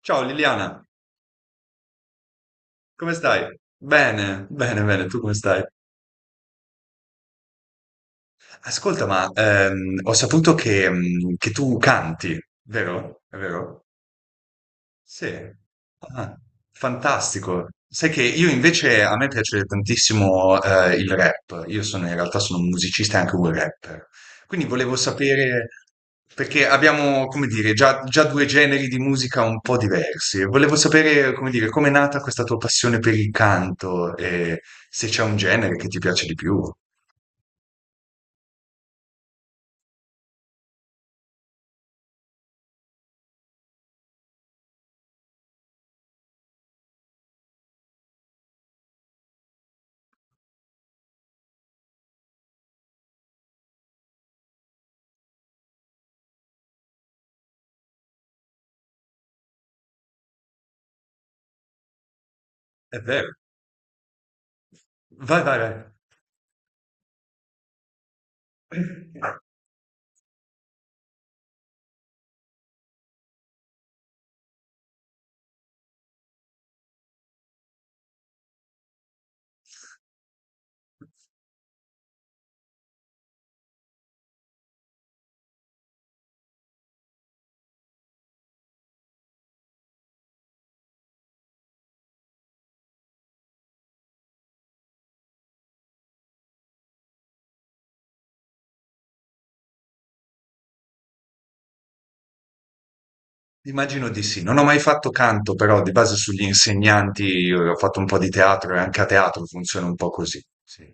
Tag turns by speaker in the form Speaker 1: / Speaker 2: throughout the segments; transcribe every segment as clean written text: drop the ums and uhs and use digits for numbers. Speaker 1: Ciao Liliana, come stai? Bene, bene, bene, tu come stai? Ascolta, ma ho saputo che, che tu canti, vero? È vero? Sì, ah, fantastico. Sai che io invece a me piace tantissimo il rap, io sono in realtà sono un musicista e anche un rapper, quindi volevo sapere, perché abbiamo, come dire, già due generi di musica un po' diversi, volevo sapere, come dire, com'è nata questa tua passione per il canto e se c'è un genere che ti piace di più. È vero, vai, vai, vai. Immagino di sì. Non ho mai fatto canto, però di base sugli insegnanti ho fatto un po' di teatro e anche a teatro funziona un po' così. Sì.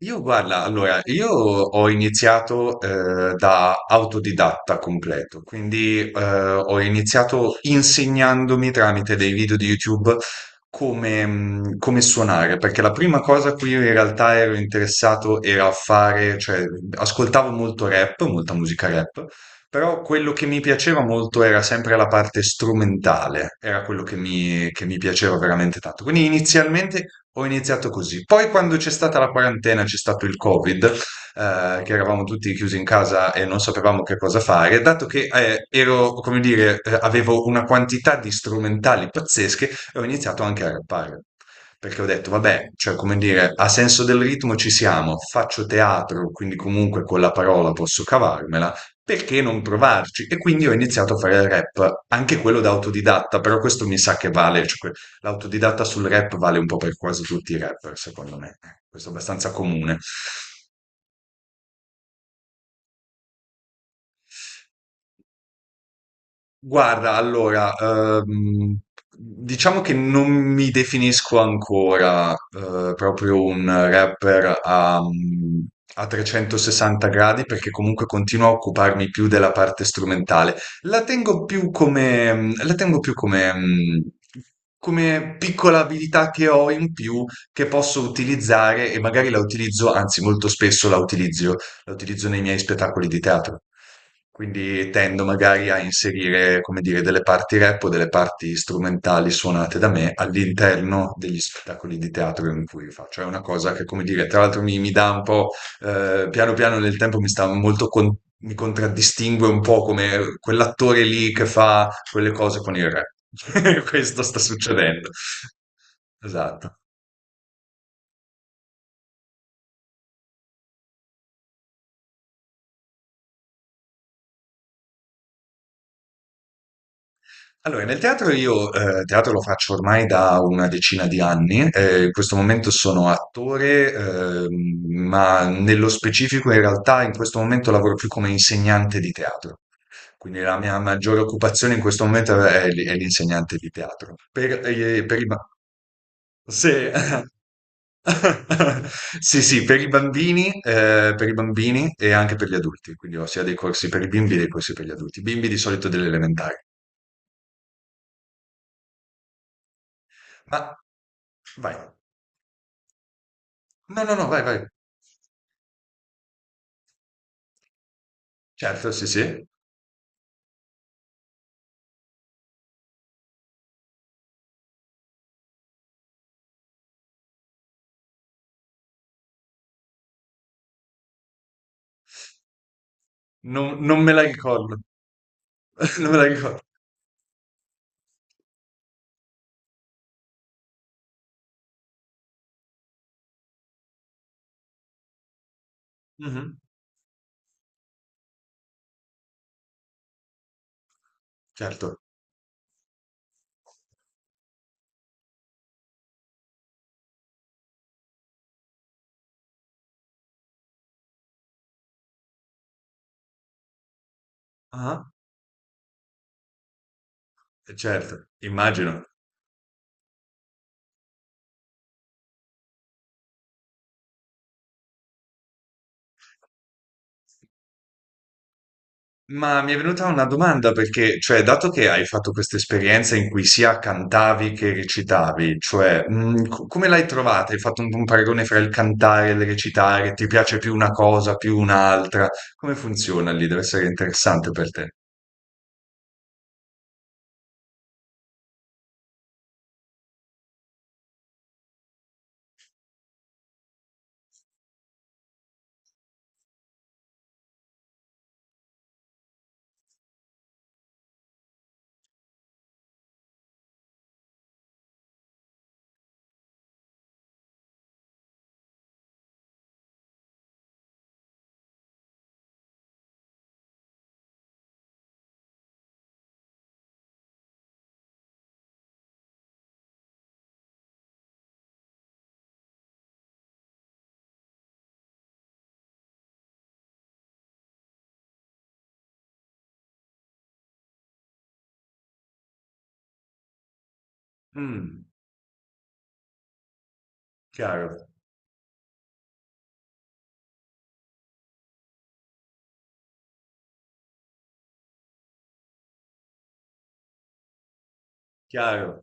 Speaker 1: Io guarda, allora, io ho iniziato da autodidatta completo, quindi ho iniziato insegnandomi tramite dei video di YouTube come, come suonare, perché la prima cosa a cui io in realtà ero interessato era a fare, cioè ascoltavo molto rap, molta musica rap. Però quello che mi piaceva molto era sempre la parte strumentale, era quello che che mi piaceva veramente tanto. Quindi inizialmente ho iniziato così. Poi quando c'è stata la quarantena, c'è stato il Covid, che eravamo tutti chiusi in casa e non sapevamo che cosa fare, dato che ero, come dire, avevo una quantità di strumentali pazzesche, ho iniziato anche a rappare. Perché ho detto, vabbè, cioè, come dire, a senso del ritmo ci siamo, faccio teatro, quindi comunque con la parola posso cavarmela perché non provarci? E quindi ho iniziato a fare il rap, anche quello da autodidatta, però questo mi sa che vale, l'autodidatta sul rap vale un po' per quasi tutti i rapper, secondo me. Questo è abbastanza comune. Guarda, allora, diciamo che non mi definisco ancora proprio un rapper a, a 360 gradi perché comunque continuo a occuparmi più della parte strumentale. La tengo più come, la tengo più come, come piccola abilità che ho in più che posso utilizzare e magari la utilizzo, anzi molto spesso la utilizzo nei miei spettacoli di teatro. Quindi tendo magari a inserire, come dire, delle parti rap o delle parti strumentali suonate da me all'interno degli spettacoli di teatro in cui faccio. È una cosa che, come dire, tra l'altro mi dà un po', piano piano nel tempo mi contraddistingue un po' come quell'attore lì che fa quelle cose con il rap. Questo sta succedendo. Esatto. Allora, nel teatro io teatro lo faccio ormai da una decina di anni, in questo momento sono attore, ma nello specifico in realtà in questo momento lavoro più come insegnante di teatro. Quindi la mia maggiore occupazione in questo momento è l'insegnante di teatro. Per i ba- se- Sì, sì, per i bambini e anche per gli adulti, quindi ho sia dei corsi per i bimbi che dei corsi per gli adulti, bimbi di solito delle elementari. Ma vai. No, no, no, vai, vai. Certo, sì, sì. Non me la ricordo. Non me la ricordo. Mhm. Certo. Ah, certo, immagino. Ma mi è venuta una domanda perché, cioè, dato che hai fatto questa esperienza in cui sia cantavi che recitavi, cioè, come l'hai trovata? Hai fatto un paragone fra il cantare e il recitare? Ti piace più una cosa, più un'altra? Come funziona lì? Deve essere interessante per te. Mm, chiaro, chiaro.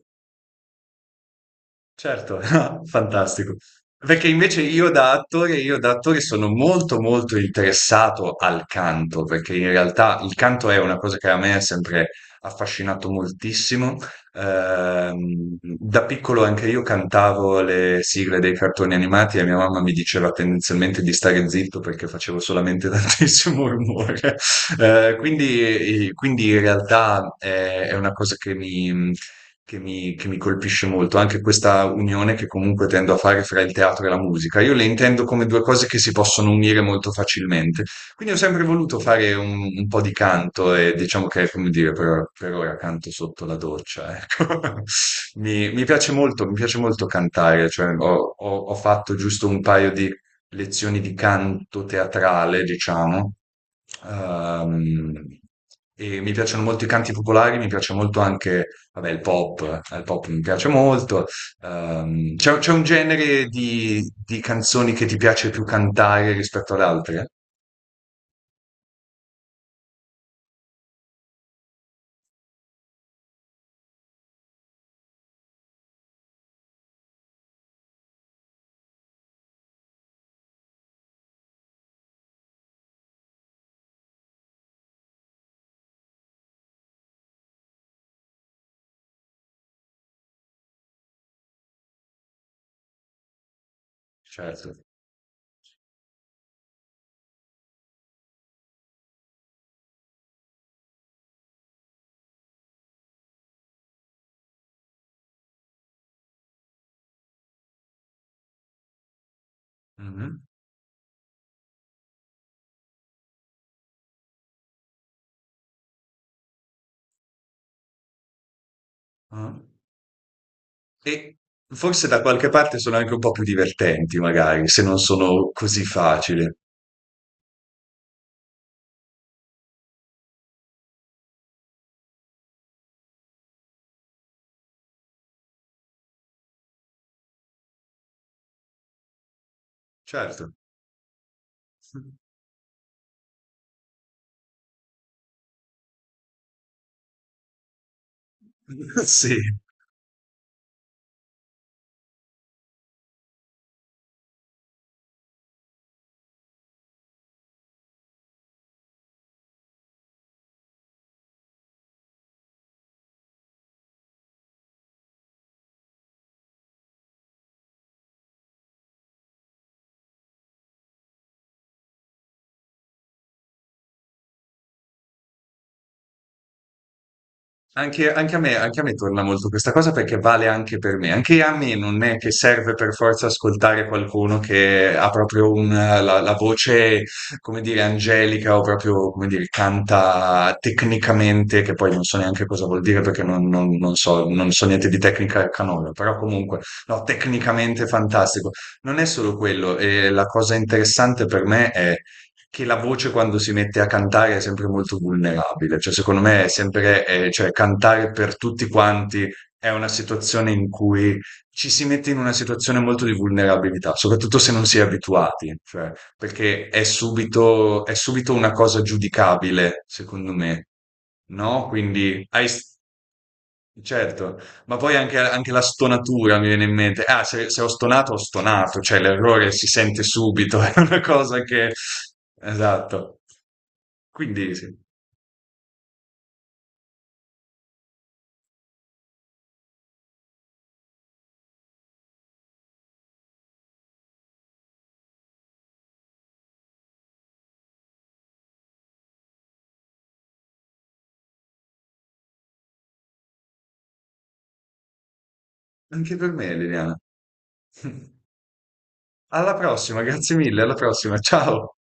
Speaker 1: Certo, fantastico. Perché invece io da attore sono molto molto interessato al canto, perché in realtà il canto è una cosa che a me ha sempre affascinato moltissimo. Da piccolo anche io cantavo le sigle dei cartoni animati e mia mamma mi diceva tendenzialmente di stare zitto perché facevo solamente tantissimo rumore. Quindi in realtà è una cosa che che mi colpisce molto, anche questa unione che comunque tendo a fare fra il teatro e la musica. Io le intendo come due cose che si possono unire molto facilmente. Quindi ho sempre voluto fare un po' di canto e diciamo che, come dire, per ora canto sotto la doccia, ecco. Mi piace molto cantare, cioè ho fatto giusto un paio di lezioni di canto teatrale, diciamo. Ehm, e mi piacciono molto i canti popolari, mi piace molto anche vabbè, il pop mi piace molto. C'è un genere di canzoni che ti piace più cantare rispetto ad altre? Certo. Mhm, mhm. E forse da qualche parte sono anche un po' più divertenti, magari, se non sono così facili. Certo. Sì. Anche a me torna molto questa cosa perché vale anche per me. Anche a me non è che serve per forza ascoltare qualcuno che ha proprio la voce, come dire, angelica o proprio, come dire, canta tecnicamente, che poi non so neanche cosa vuol dire perché non so, non so niente di tecnica canora, però comunque, no, tecnicamente fantastico. Non è solo quello, e la cosa interessante per me è che la voce quando si mette a cantare è sempre molto vulnerabile, cioè secondo me è sempre, cioè cantare per tutti quanti è una situazione in cui ci si mette in una situazione molto di vulnerabilità, soprattutto se non si è abituati, cioè, perché è subito una cosa giudicabile, secondo me, no? Quindi hai, certo, ma poi anche, anche la stonatura mi viene in mente. Ah, se ho stonato, ho stonato, cioè l'errore si sente subito, è una cosa che... Esatto. Quindi sì, anche per me, Liliana. Alla prossima, grazie mille, alla prossima, ciao.